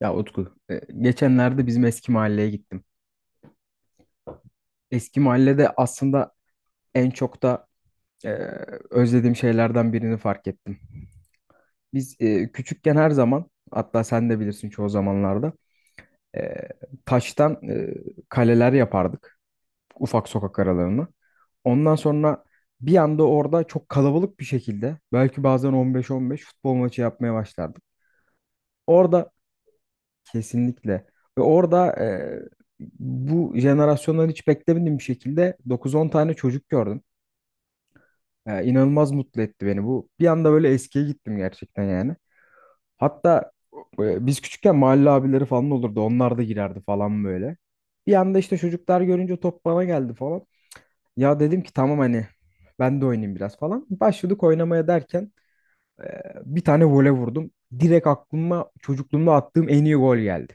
Ya Utku, geçenlerde bizim eski mahalleye gittim. Eski mahallede aslında en çok da e, özlediğim şeylerden birini fark ettim. Biz küçükken her zaman, hatta sen de bilirsin çoğu zamanlarda, e, taştan kaleler yapardık ufak sokak aralarını. Ondan sonra bir anda orada çok kalabalık bir şekilde, belki bazen 15-15 futbol maçı yapmaya başlardık. Orada Kesinlikle. Ve orada bu jenerasyondan hiç beklemediğim bir şekilde dokuz on tane çocuk gördüm. E, inanılmaz mutlu etti beni bu. Bir anda böyle eskiye gittim gerçekten yani. Hatta biz küçükken mahalle abileri falan olurdu. Onlar da girerdi falan böyle. Bir anda işte çocuklar görünce top bana geldi falan. Ya dedim ki tamam hani ben de oynayayım biraz falan. Başladık oynamaya derken e, bir tane vole vurdum. Direkt aklıma çocukluğumda attığım en iyi gol geldi.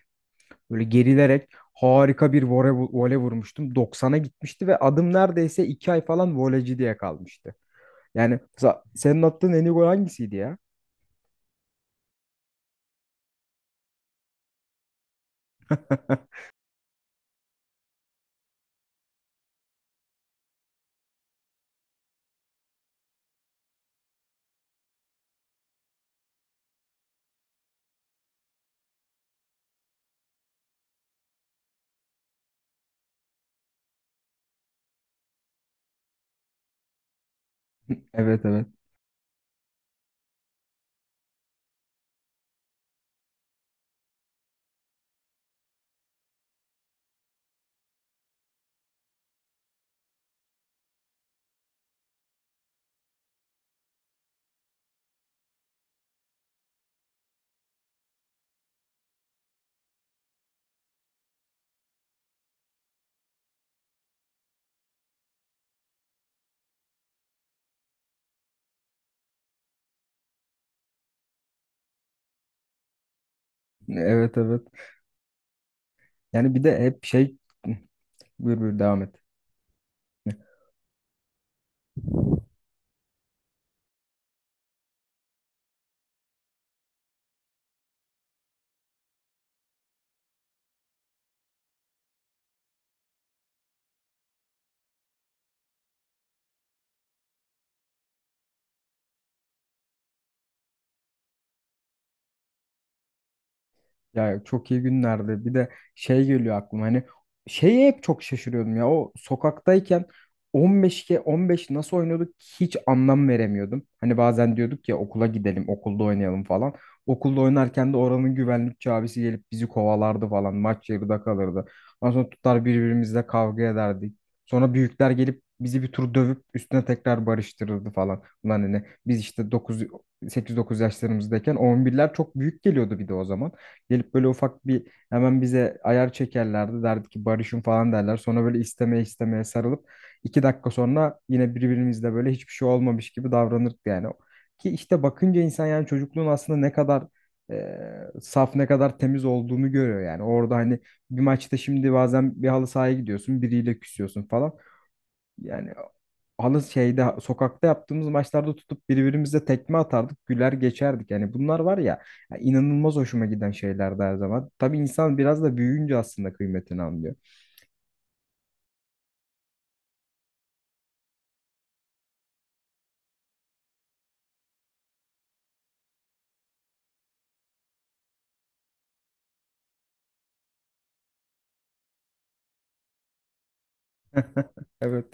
Böyle gerilerek harika bir vole vurmuştum. 90'a gitmişti ve adım neredeyse 2 ay falan voleci diye kalmıştı. Yani mesela senin attığın en iyi gol hangisiydi ya? Evet, evet. Evet, evet. Yani bir de hep şey buyur, buyur, devam et. Ya çok iyi günlerdi. Bir de şey geliyor aklıma hani şeye hep çok şaşırıyordum ya. O sokaktayken 15'e 15 nasıl oynuyorduk hiç anlam veremiyordum. Hani bazen diyorduk ya okula gidelim, okulda oynayalım falan. Okulda oynarken de oranın güvenlikçi abisi gelip bizi kovalardı falan. Maç yarıda kalırdı. Ondan sonra tutar birbirimizle kavga ederdik. Sonra büyükler gelip bizi bir tur dövüp üstüne tekrar barıştırırdı falan. Ulan hani biz işte 9 8-9 yaşlarımızdayken 11'ler çok büyük geliyordu bir de o zaman. Gelip böyle ufak bir hemen bize ayar çekerlerdi. Derdi ki barışın falan derler. Sonra böyle istemeye istemeye sarılıp 2 dakika sonra yine birbirimizle böyle hiçbir şey olmamış gibi davranırdık yani. Ki işte bakınca insan yani çocukluğun aslında ne kadar e, saf, ne kadar temiz olduğunu görüyor yani. Orada hani bir maçta, şimdi bazen bir halı sahaya gidiyorsun, biriyle küsüyorsun falan. Yani halı şeyde, sokakta yaptığımız maçlarda tutup birbirimize tekme atardık, güler geçerdik. Yani bunlar var ya, ya inanılmaz hoşuma giden şeylerdi her zaman. Tabii insan biraz da büyüyünce aslında kıymetini anlıyor. Evet.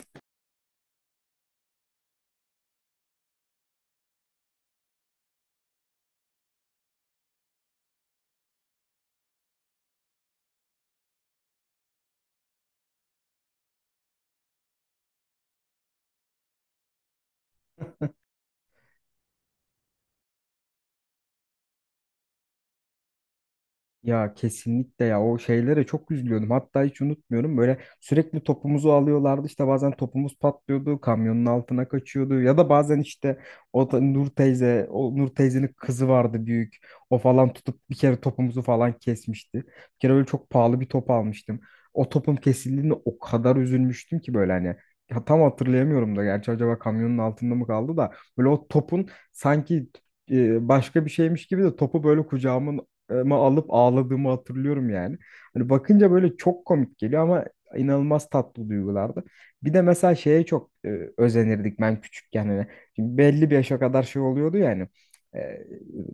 Ya kesinlikle ya, o şeylere çok üzülüyordum. Hatta hiç unutmuyorum, böyle sürekli topumuzu alıyorlardı, işte bazen topumuz patlıyordu, kamyonun altına kaçıyordu, ya da bazen işte o da Nur teyze, o Nur teyzenin kızı vardı büyük, o falan tutup bir kere topumuzu falan kesmişti. Bir kere öyle çok pahalı bir top almıştım. O topum kesildiğinde o kadar üzülmüştüm ki, böyle hani, ya tam hatırlayamıyorum da gerçi, acaba kamyonun altında mı kaldı da, böyle o topun sanki başka bir şeymiş gibi de topu böyle kucağımın, ama alıp ağladığımı hatırlıyorum yani. Hani bakınca böyle çok komik geliyor ama inanılmaz tatlı duygulardı. Bir de mesela şeye çok özenirdik ben küçükken hani. Şimdi belli bir yaşa kadar şey oluyordu yani.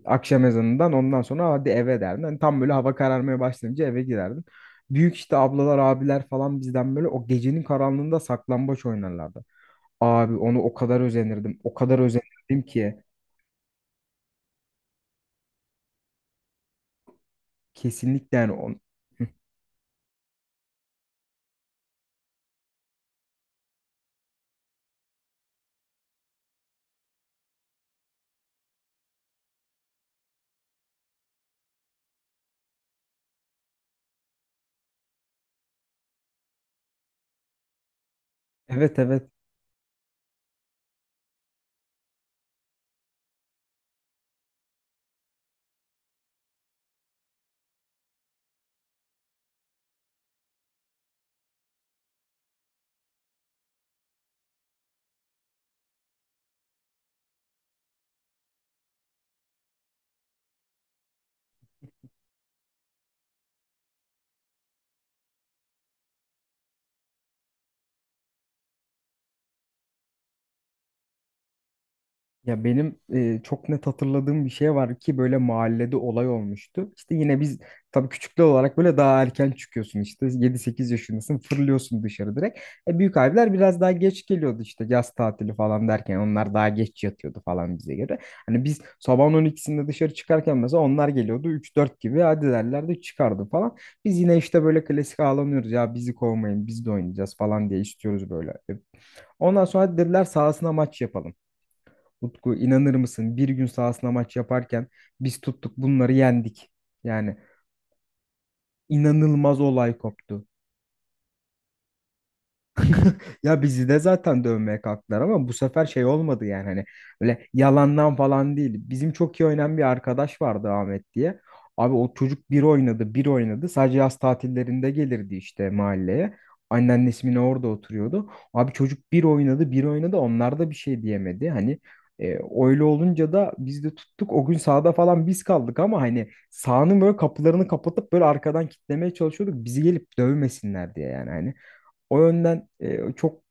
Akşam ezanından ondan sonra hadi eve derdin. Hani tam böyle hava kararmaya başlayınca eve girerdin. Büyük işte ablalar, abiler falan bizden böyle o gecenin karanlığında saklambaç oynarlardı. Abi onu o kadar özenirdim. O kadar özenirdim ki. Kesinlikle yani on... Hı. Evet, evet. Ya benim çok net hatırladığım bir şey var ki, böyle mahallede olay olmuştu. İşte yine biz, tabii küçükler olarak, böyle daha erken çıkıyorsun, işte yedi sekiz yaşındasın, fırlıyorsun dışarı direkt. Büyük abiler biraz daha geç geliyordu, işte yaz tatili falan derken onlar daha geç yatıyordu falan bize göre. Hani biz sabahın 12'sinde dışarı çıkarken, mesela onlar geliyordu üç dört gibi, hadi derlerdi, çıkardı falan. Biz yine işte böyle klasik ağlanıyoruz ya, bizi kovmayın, biz de oynayacağız falan diye istiyoruz böyle. Ondan sonra dediler sahasına maç yapalım. Utku, inanır mısın? Bir gün sahasına maç yaparken biz tuttuk bunları yendik. Yani inanılmaz olay koptu. Ya bizi de zaten dövmeye kalktılar ama bu sefer şey olmadı yani, hani öyle yalandan falan değil. Bizim çok iyi oynayan bir arkadaş vardı, Ahmet diye. Abi o çocuk bir oynadı bir oynadı. Sadece yaz tatillerinde gelirdi işte mahalleye. Anneannesi mi ne orada oturuyordu. Abi çocuk bir oynadı bir oynadı, onlar da bir şey diyemedi. Hani e, öyle olunca da biz de tuttuk. O gün sahada falan biz kaldık, ama hani sahanın böyle kapılarını kapatıp böyle arkadan kitlemeye çalışıyorduk, bizi gelip dövmesinler diye yani hani. O yönden çok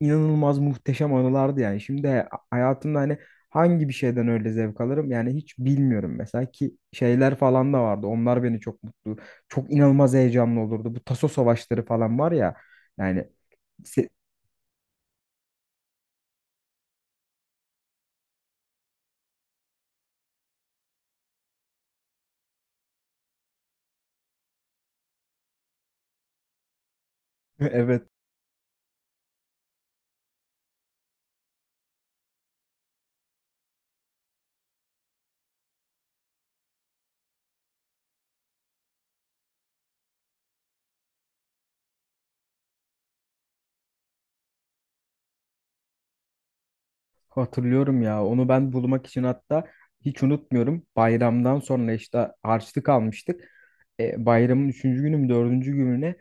inanılmaz muhteşem anılardı yani. Şimdi hayatımda hani hangi bir şeyden öyle zevk alırım yani hiç bilmiyorum, mesela ki şeyler falan da vardı. Onlar beni çok mutlu, çok inanılmaz heyecanlı olurdu. Bu taso savaşları falan var ya, yani se- evet, hatırlıyorum ya. Onu ben bulmak için, hatta hiç unutmuyorum, bayramdan sonra işte harçlık almıştık. Bayramın üçüncü günü mü, dördüncü gününe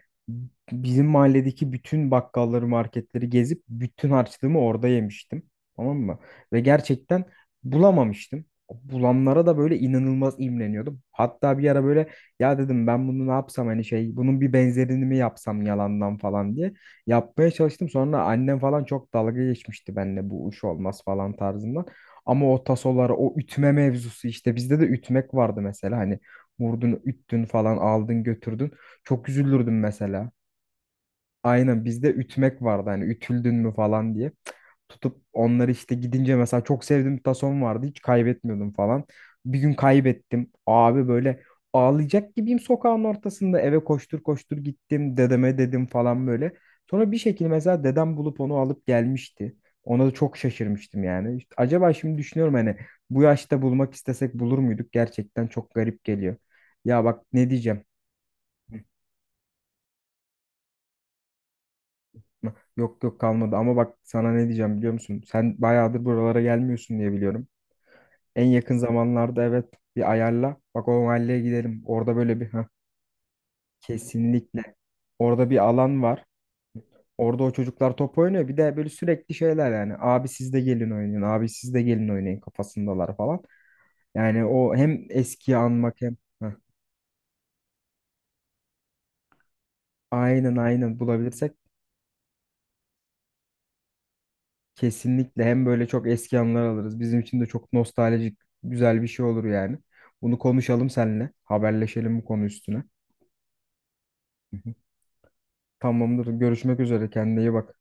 bizim mahalledeki bütün bakkalları, marketleri gezip bütün harçlığımı orada yemiştim. Tamam mı? Ve gerçekten bulamamıştım. Bulanlara da böyle inanılmaz imreniyordum. Hatta bir ara böyle, ya dedim ben bunu ne yapsam, hani şey, bunun bir benzerini mi yapsam yalandan falan diye yapmaya çalıştım. Sonra annem falan çok dalga geçmişti benimle, bu iş olmaz falan tarzından. Ama o tasoları, o ütme mevzusu, işte bizde de ütmek vardı mesela hani, vurdun, üttün falan, aldın, götürdün. Çok üzülürdüm mesela. Aynen, bizde ütmek vardı hani, ütüldün mü falan diye tutup onları, işte gidince mesela çok sevdiğim bir tason vardı, hiç kaybetmiyordum falan. Bir gün kaybettim. Abi böyle ağlayacak gibiyim sokağın ortasında, eve koştur koştur gittim, dedeme dedim falan böyle. Sonra bir şekilde mesela dedem bulup onu alıp gelmişti. Ona da çok şaşırmıştım yani. İşte acaba şimdi düşünüyorum, hani bu yaşta bulmak istesek bulur muyduk? Gerçekten çok garip geliyor. Ya bak ne diyeceğim? Yok, yok, kalmadı ama bak sana ne diyeceğim biliyor musun? Sen bayağıdır buralara gelmiyorsun diye biliyorum. En yakın zamanlarda, evet, bir ayarla. Bak, o mahalleye gidelim. Orada böyle bir ha, kesinlikle. Orada bir alan var. Orada o çocuklar top oynuyor. Bir de böyle sürekli şeyler yani. Abi siz de gelin oynayın. Abi siz de gelin oynayın kafasındalar falan. Yani o hem eskiyi anmak hem ha, aynen, aynen, bulabilirsek kesinlikle, hem böyle çok eski anılar alırız. Bizim için de çok nostaljik, güzel bir şey olur yani. Bunu konuşalım seninle. Haberleşelim bu konu üstüne. Hı hı. Tamamdır. Görüşmek üzere. Kendine iyi bak.